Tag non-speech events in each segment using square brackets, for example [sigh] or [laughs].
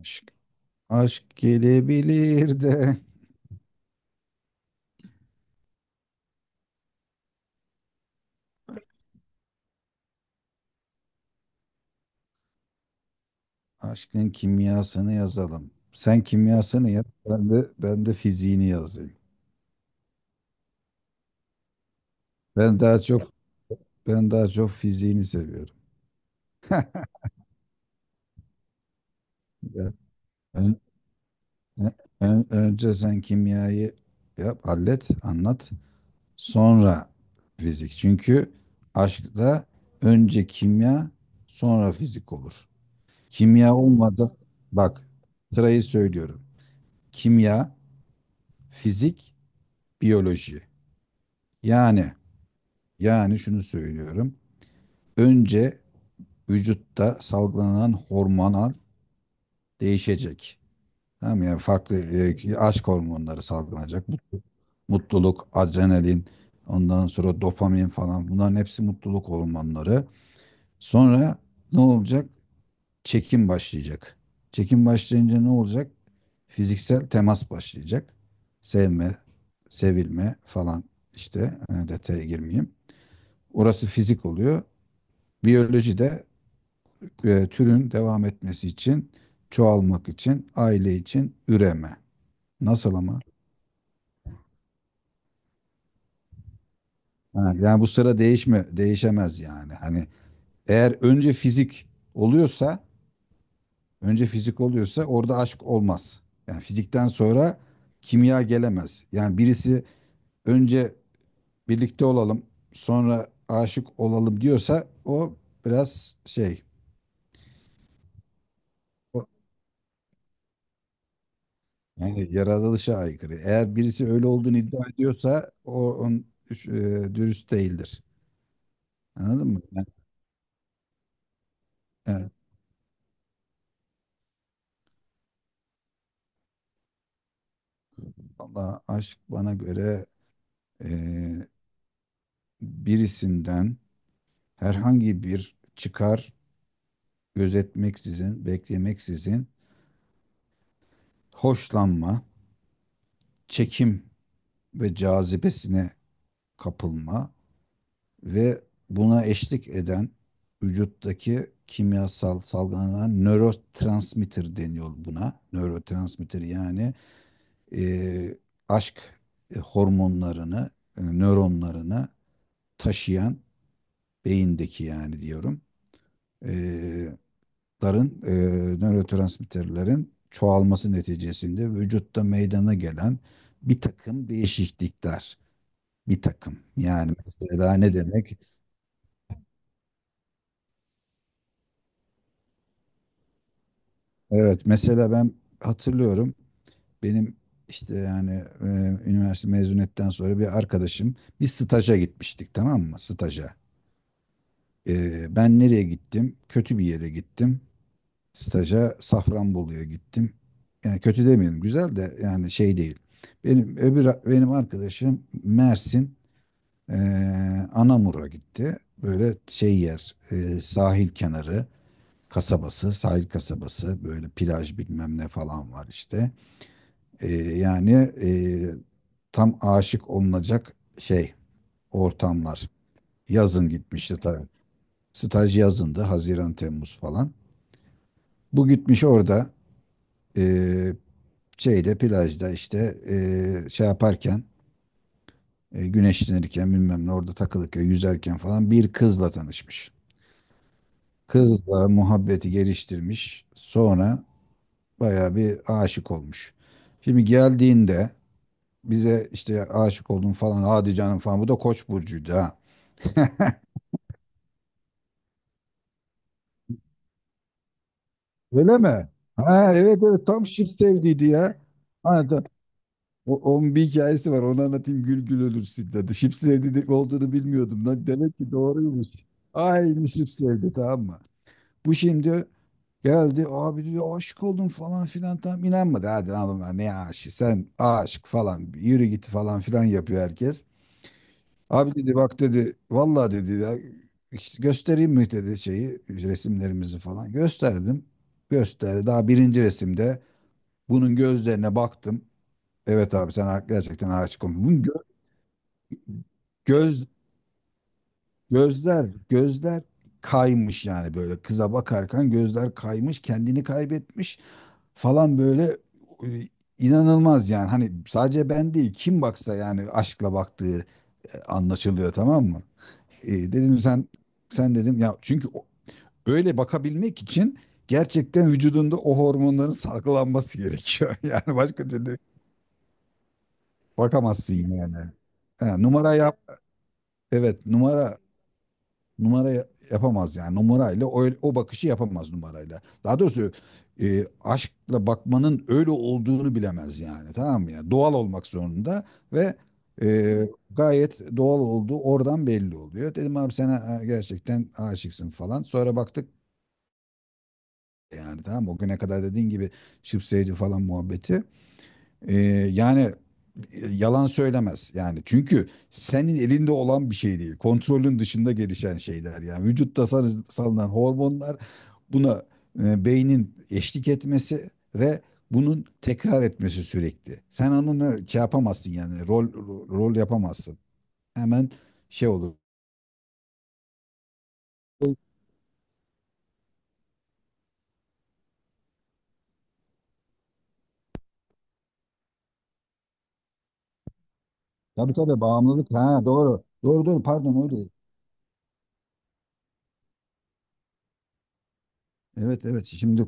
Aşk, aşk gelebilir de aşkın kimyasını yazalım. Sen kimyasını yaz, ben de fiziğini yazayım. Ben daha çok Ben daha çok fiziğini seviyorum. Ya, ön- ön- önce sen kimyayı yap, hallet, anlat. Sonra fizik. Çünkü aşkta önce kimya, sonra fizik olur. Kimya olmadan bak sırayı söylüyorum. Kimya, fizik, biyoloji. Yani Yani şunu söylüyorum. Önce vücutta salgılanan hormonal değişecek. Tamam mı? Yani farklı aşk hormonları salgılanacak. Mutluluk, adrenalin, ondan sonra dopamin falan bunların hepsi mutluluk hormonları. Sonra ne olacak? Çekim başlayacak. Çekim başlayınca ne olacak? Fiziksel temas başlayacak. Sevme, sevilme falan işte detaya girmeyeyim. Orası fizik oluyor. Biyoloji de türün devam etmesi için, çoğalmak için, aile için üreme. Nasıl ama? Ha, yani bu sıra değişemez yani. Hani eğer önce fizik oluyorsa, önce fizik oluyorsa orada aşk olmaz. Yani fizikten sonra kimya gelemez. Yani birisi önce birlikte olalım, sonra aşık olalım diyorsa o biraz şey, o, yani yaratılışa aykırı. Eğer birisi öyle olduğunu iddia ediyorsa o on, üş- e, dürüst değildir. Anladın mı? Yani, yani valla aşk bana göre e, birisinden herhangi bir çıkar gözetmeksizin, beklemeksizin hoşlanma, çekim ve cazibesine kapılma ve buna eşlik eden vücuttaki kimyasal salgılanan nörotransmitter deniyor buna. Nörotransmitter yani e, aşk hormonlarını, nöronlarını taşıyan beyindeki yani diyorum. E, Ların, nörotransmitterlerin çoğalması neticesinde vücutta meydana gelen bir takım değişiklikler. Bir takım. Yani mesela ne demek? Evet mesela ben hatırlıyorum. Benim işte yani e, üniversite mezuniyetten sonra bir arkadaşım bir staja gitmiştik, tamam mı? Staja. Ben nereye gittim? Kötü bir yere gittim. Staja Safranbolu'ya gittim. Yani kötü demeyelim, güzel de yani şey değil. Benim arkadaşım Mersin e, Anamur'a gitti. Böyle şey yer, sahil kenarı kasabası sahil kasabası, böyle plaj bilmem ne falan var işte. Yani e, tam aşık olunacak ortamlar. Yazın gitmişti tabii. Staj yazındı, Haziran Temmuz falan. Bu gitmiş orada e, şeyde, plajda, işte şey yaparken, güneşlenirken, bilmem ne, orada takılırken, yüzerken falan bir kızla tanışmış. Kızla muhabbeti geliştirmiş. Sonra bayağı bir aşık olmuş. Şimdi geldiğinde bize işte aşık oldum falan, hadi canım falan. Bu da Koç burcuydu ha. Öyle mi? Ha evet evet tam şıp sevdiydi ya. Ha, ta- O, onun bir hikayesi var, onu anlatayım, gül gül ölürsün, dedi. Şıp sevdi olduğunu bilmiyordum. Lan demek ki doğruymuş. Aynı şıp sevdi, tamam mı? Bu şimdi geldi, abi diyor aşık oldum falan filan, tam inanmadı. Hadi lan oğlum, ne aşık, sen aşık falan, yürü git falan filan yapıyor herkes. Abi dedi, bak dedi, vallahi dedi ya, hiç göstereyim mi dedi şeyi, resimlerimizi falan. Gösterdim. Gösterdi. Daha birinci resimde bunun gözlerine baktım. Evet abi sen ha- gerçekten aşık olmuşsun. Bunun gö- göz gözler Gözler kaymış yani, böyle kıza bakarken gözler kaymış, kendini kaybetmiş falan, böyle e, inanılmaz yani. Hani sadece ben değil, kim baksa yani aşkla baktığı anlaşılıyor, tamam mı? Dedim sen dedim ya, çünkü öyle bakabilmek için gerçekten vücudunda o hormonların salgılanması gerekiyor. [laughs] Yani başka türlü bakamazsın yani. Ha, numara yap. Evet, yapamaz yani. Numarayla o bakışı yapamaz numarayla. Daha doğrusu aşkla bakmanın öyle olduğunu bilemez yani. Tamam mı? Yani doğal olmak zorunda ve gayet doğal olduğu oradan belli oluyor. Dedim abi sen ha- gerçekten aşıksın falan. Sonra baktık, yani tamam mı, o güne kadar dediğin gibi şıpseyci falan muhabbeti. Ee, Yani yalan söylemez yani. Çünkü senin elinde olan bir şey değil. Kontrolün dışında gelişen şeyler yani. Vücutta salınan hormonlar, buna beynin eşlik etmesi ve bunun tekrar etmesi sürekli. Sen onu şey yapamazsın yani, rol yapamazsın. Hemen şey olur. Tabii tabii bağımlılık. Ha doğru. Doğru doğru, pardon, öyle. Evet evet şimdi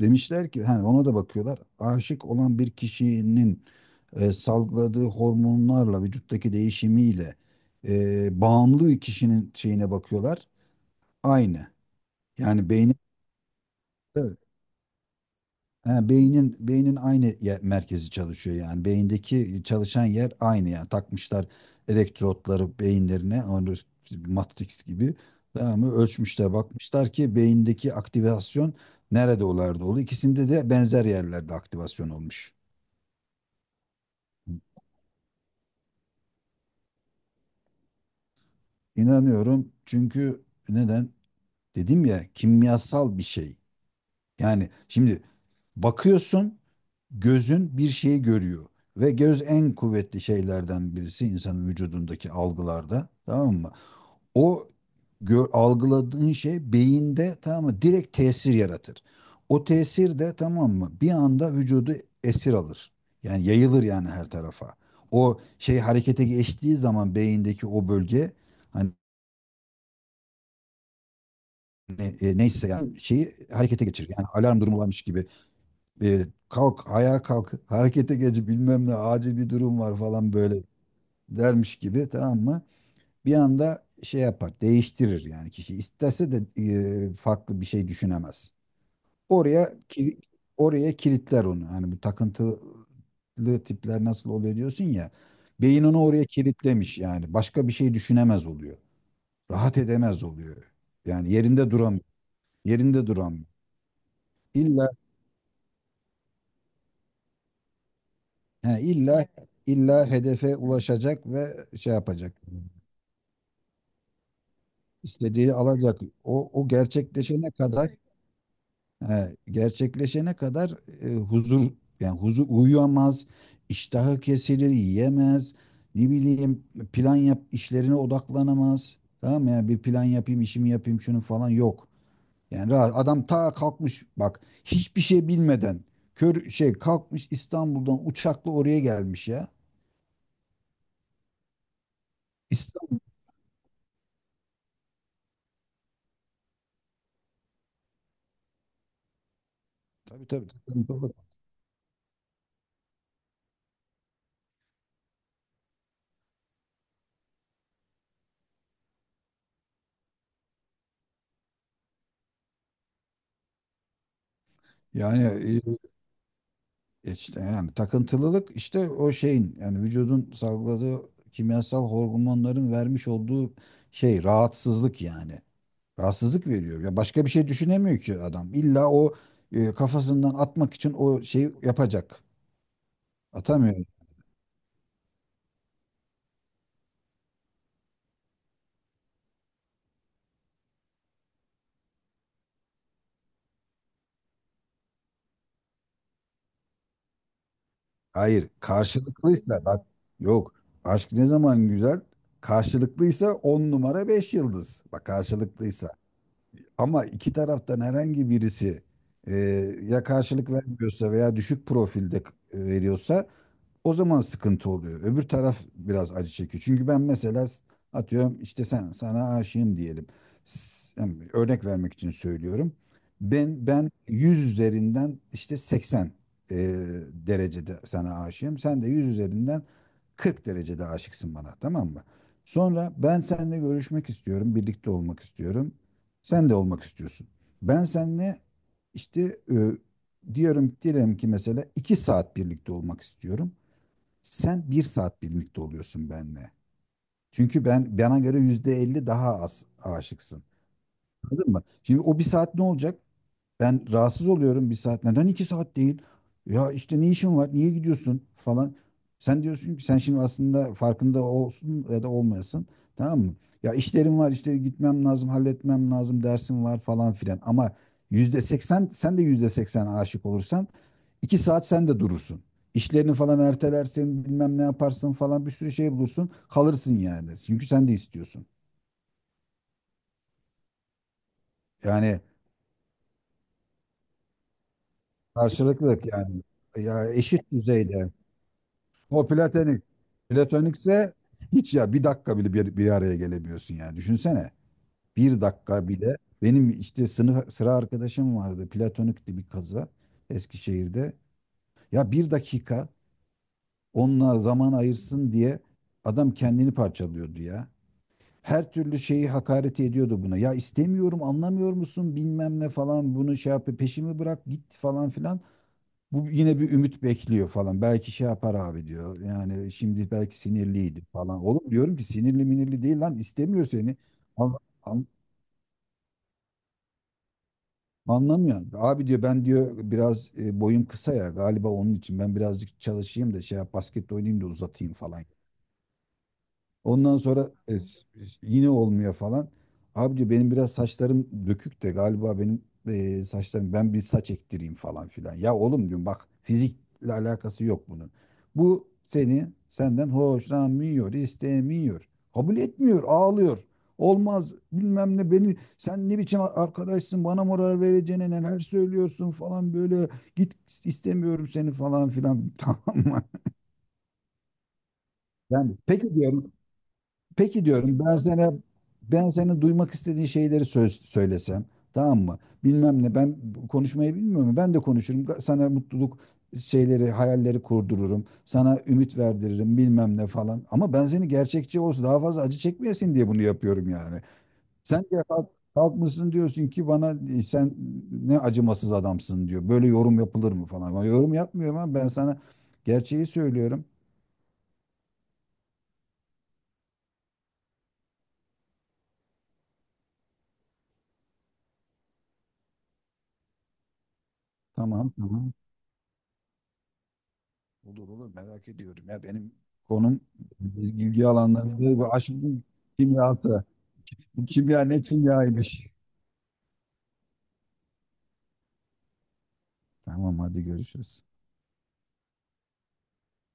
demişler ki, hani ona da bakıyorlar. Aşık olan bir kişinin salgıladığı hormonlarla vücuttaki değişimiyle bağımlı kişinin şeyine bakıyorlar. Aynı. Yani beyni, ha, beynin aynı yer, merkezi çalışıyor yani. Beyindeki çalışan yer aynı yani. Takmışlar elektrotları beyinlerine, onu Matrix gibi. Tamam mı? Ölçmüşler, bakmışlar ki beyindeki aktivasyon nerede olardı oldu. İkisinde de benzer yerlerde aktivasyon olmuş. İnanıyorum çünkü neden? Dedim ya, kimyasal bir şey. Yani şimdi bakıyorsun, gözün bir şeyi görüyor ve göz en kuvvetli şeylerden birisi insanın vücudundaki algılarda, tamam mı? O Gör, algıladığın şey beyinde, tamam mı? Direkt tesir yaratır. O tesir de, tamam mı, bir anda vücudu esir alır. Yani yayılır yani her tarafa. O şey harekete geçtiği zaman beyindeki o bölge, hani neyse yani, şeyi harekete geçirir. Yani alarm durumu varmış gibi, kalk ayağa, kalk harekete geç, bilmem ne, acil bir durum var falan böyle dermiş gibi, tamam mı? Bir anda şey yapar, değiştirir yani, kişi istese de farklı bir şey düşünemez. Oraya kili- Oraya kilitler onu. Hani bu takıntılı tipler nasıl oluyor diyorsun ya. Beyin onu oraya kilitlemiş yani. Başka bir şey düşünemez oluyor. Rahat edemez oluyor. Yani yerinde duramıyor. Yerinde duramıyor. İlla He, illa illa hedefe ulaşacak ve şey yapacak. İstediği alacak. O gerçekleşene kadar, he, gerçekleşene kadar huzur, yani huzur, uyuyamaz, iştahı kesilir, yiyemez. Ne bileyim plan yap, işlerine odaklanamaz. Tamam mı? Yani bir plan yapayım, işimi yapayım, şunu falan yok. Yani rahat. Adam ta kalkmış bak, hiçbir şey bilmeden, kör şey kalkmış İstanbul'dan uçakla oraya gelmiş ya. İstanbul. Tabii tabii, tabii. Yani işte yani takıntılılık işte o şeyin, yani vücudun salgıladığı kimyasal hormonların vermiş olduğu şey, rahatsızlık yani. Rahatsızlık veriyor. Ya başka bir şey düşünemiyor ki adam. İlla o kafasından atmak için o şeyi yapacak. Atamıyor. Hayır, karşılıklıysa bak, yok. Aşk ne zaman güzel? Karşılıklıysa on numara beş yıldız. Bak karşılıklıysa. Ama iki taraftan herhangi birisi e, ya karşılık vermiyorsa veya düşük profilde veriyorsa o zaman sıkıntı oluyor. Öbür taraf biraz acı çekiyor. Çünkü ben mesela atıyorum işte, sen sana aşığım diyelim. Yani örnek vermek için söylüyorum. Ben 100 üzerinden işte 80 e, derecede sana aşığım. Sen de 100 üzerinden 40 derecede aşıksın bana, tamam mı? Sonra ben seninle görüşmek istiyorum, birlikte olmak istiyorum. Sen de olmak istiyorsun. Ben seninle işte e, diyorum diyelim ki mesela 2 saat birlikte olmak istiyorum. Sen bir saat birlikte oluyorsun benimle. Çünkü ben, bana göre %50 daha az aşıksın. Anladın mı? Şimdi o bir saat ne olacak? Ben rahatsız oluyorum bir saat. Neden iki saat değil? Ya işte ne işin var? Niye gidiyorsun falan. Sen diyorsun ki, sen şimdi aslında farkında olsun ya da olmayasın. Tamam mı? Ya işlerim var işte, gitmem lazım, halletmem lazım, dersim var falan filan. Ama %80, sen de %80 aşık olursan iki saat sen de durursun. İşlerini falan ertelersin, bilmem ne yaparsın falan, bir sürü şey bulursun. Kalırsın yani. Çünkü sen de istiyorsun. Yani karşılıklık yani. Ya eşit düzeyde. O platonik. Platonikse hiç ya bir dakika bile bir araya gelemiyorsun yani. Düşünsene. Bir dakika bile. Benim işte sınıf sıra arkadaşım vardı. Platonikti bir kaza, Eskişehir'de. Ya bir dakika onunla zaman ayırsın diye adam kendini parçalıyordu ya. Her türlü şeyi hakaret ediyordu buna. Ya istemiyorum, anlamıyor musun, bilmem ne falan, bunu şey yap, peşimi bırak git falan filan. Bu yine bir ümit bekliyor falan. Belki şey yapar abi diyor. Yani şimdi belki sinirliydi falan. Oğlum diyorum ki, sinirli minirli değil lan, istemiyor seni. An- an- Anlamıyor. Abi diyor, ben diyor biraz boyum kısa ya galiba, onun için ben birazcık çalışayım da şey yap, basket oynayayım da uzatayım falan. Ondan sonra yine olmuyor falan. Abi diyor, benim biraz saçlarım dökük de galiba, benim saçlarım, ben bir saç ektireyim falan filan. Ya oğlum diyorum, bak fizikle alakası yok bunun. Seni, senden hoşlanmıyor, istemiyor. Kabul etmiyor, ağlıyor. Olmaz bilmem ne, beni sen ne biçim arkadaşsın, bana moral vereceğine neler söylüyorsun falan, böyle git, istemiyorum seni falan filan [laughs] tamam mı? Yani peki diyorum Peki diyorum ben sana, ben senin duymak istediğin şeyleri söylesem, tamam mı? Bilmem ne, ben konuşmayı bilmiyorum. Ben de konuşurum. Sana mutluluk şeyleri, hayalleri kurdururum. Sana ümit verdiririm bilmem ne falan. Ama ben seni gerçekçi olsun, daha fazla acı çekmeyesin diye bunu yapıyorum yani. Sen de kalk, kalkmışsın diyorsun ki bana, sen ne acımasız adamsın diyor. Böyle yorum yapılır mı falan. Ben yorum yapmıyorum ama ben sana gerçeği söylüyorum. Tamam tamam. Olur olur, merak ediyorum. Ya benim konum, biz ilgi alanlarında bu aşkın kimyası. Bu kimya ne kimyaymış. Tamam hadi görüşürüz.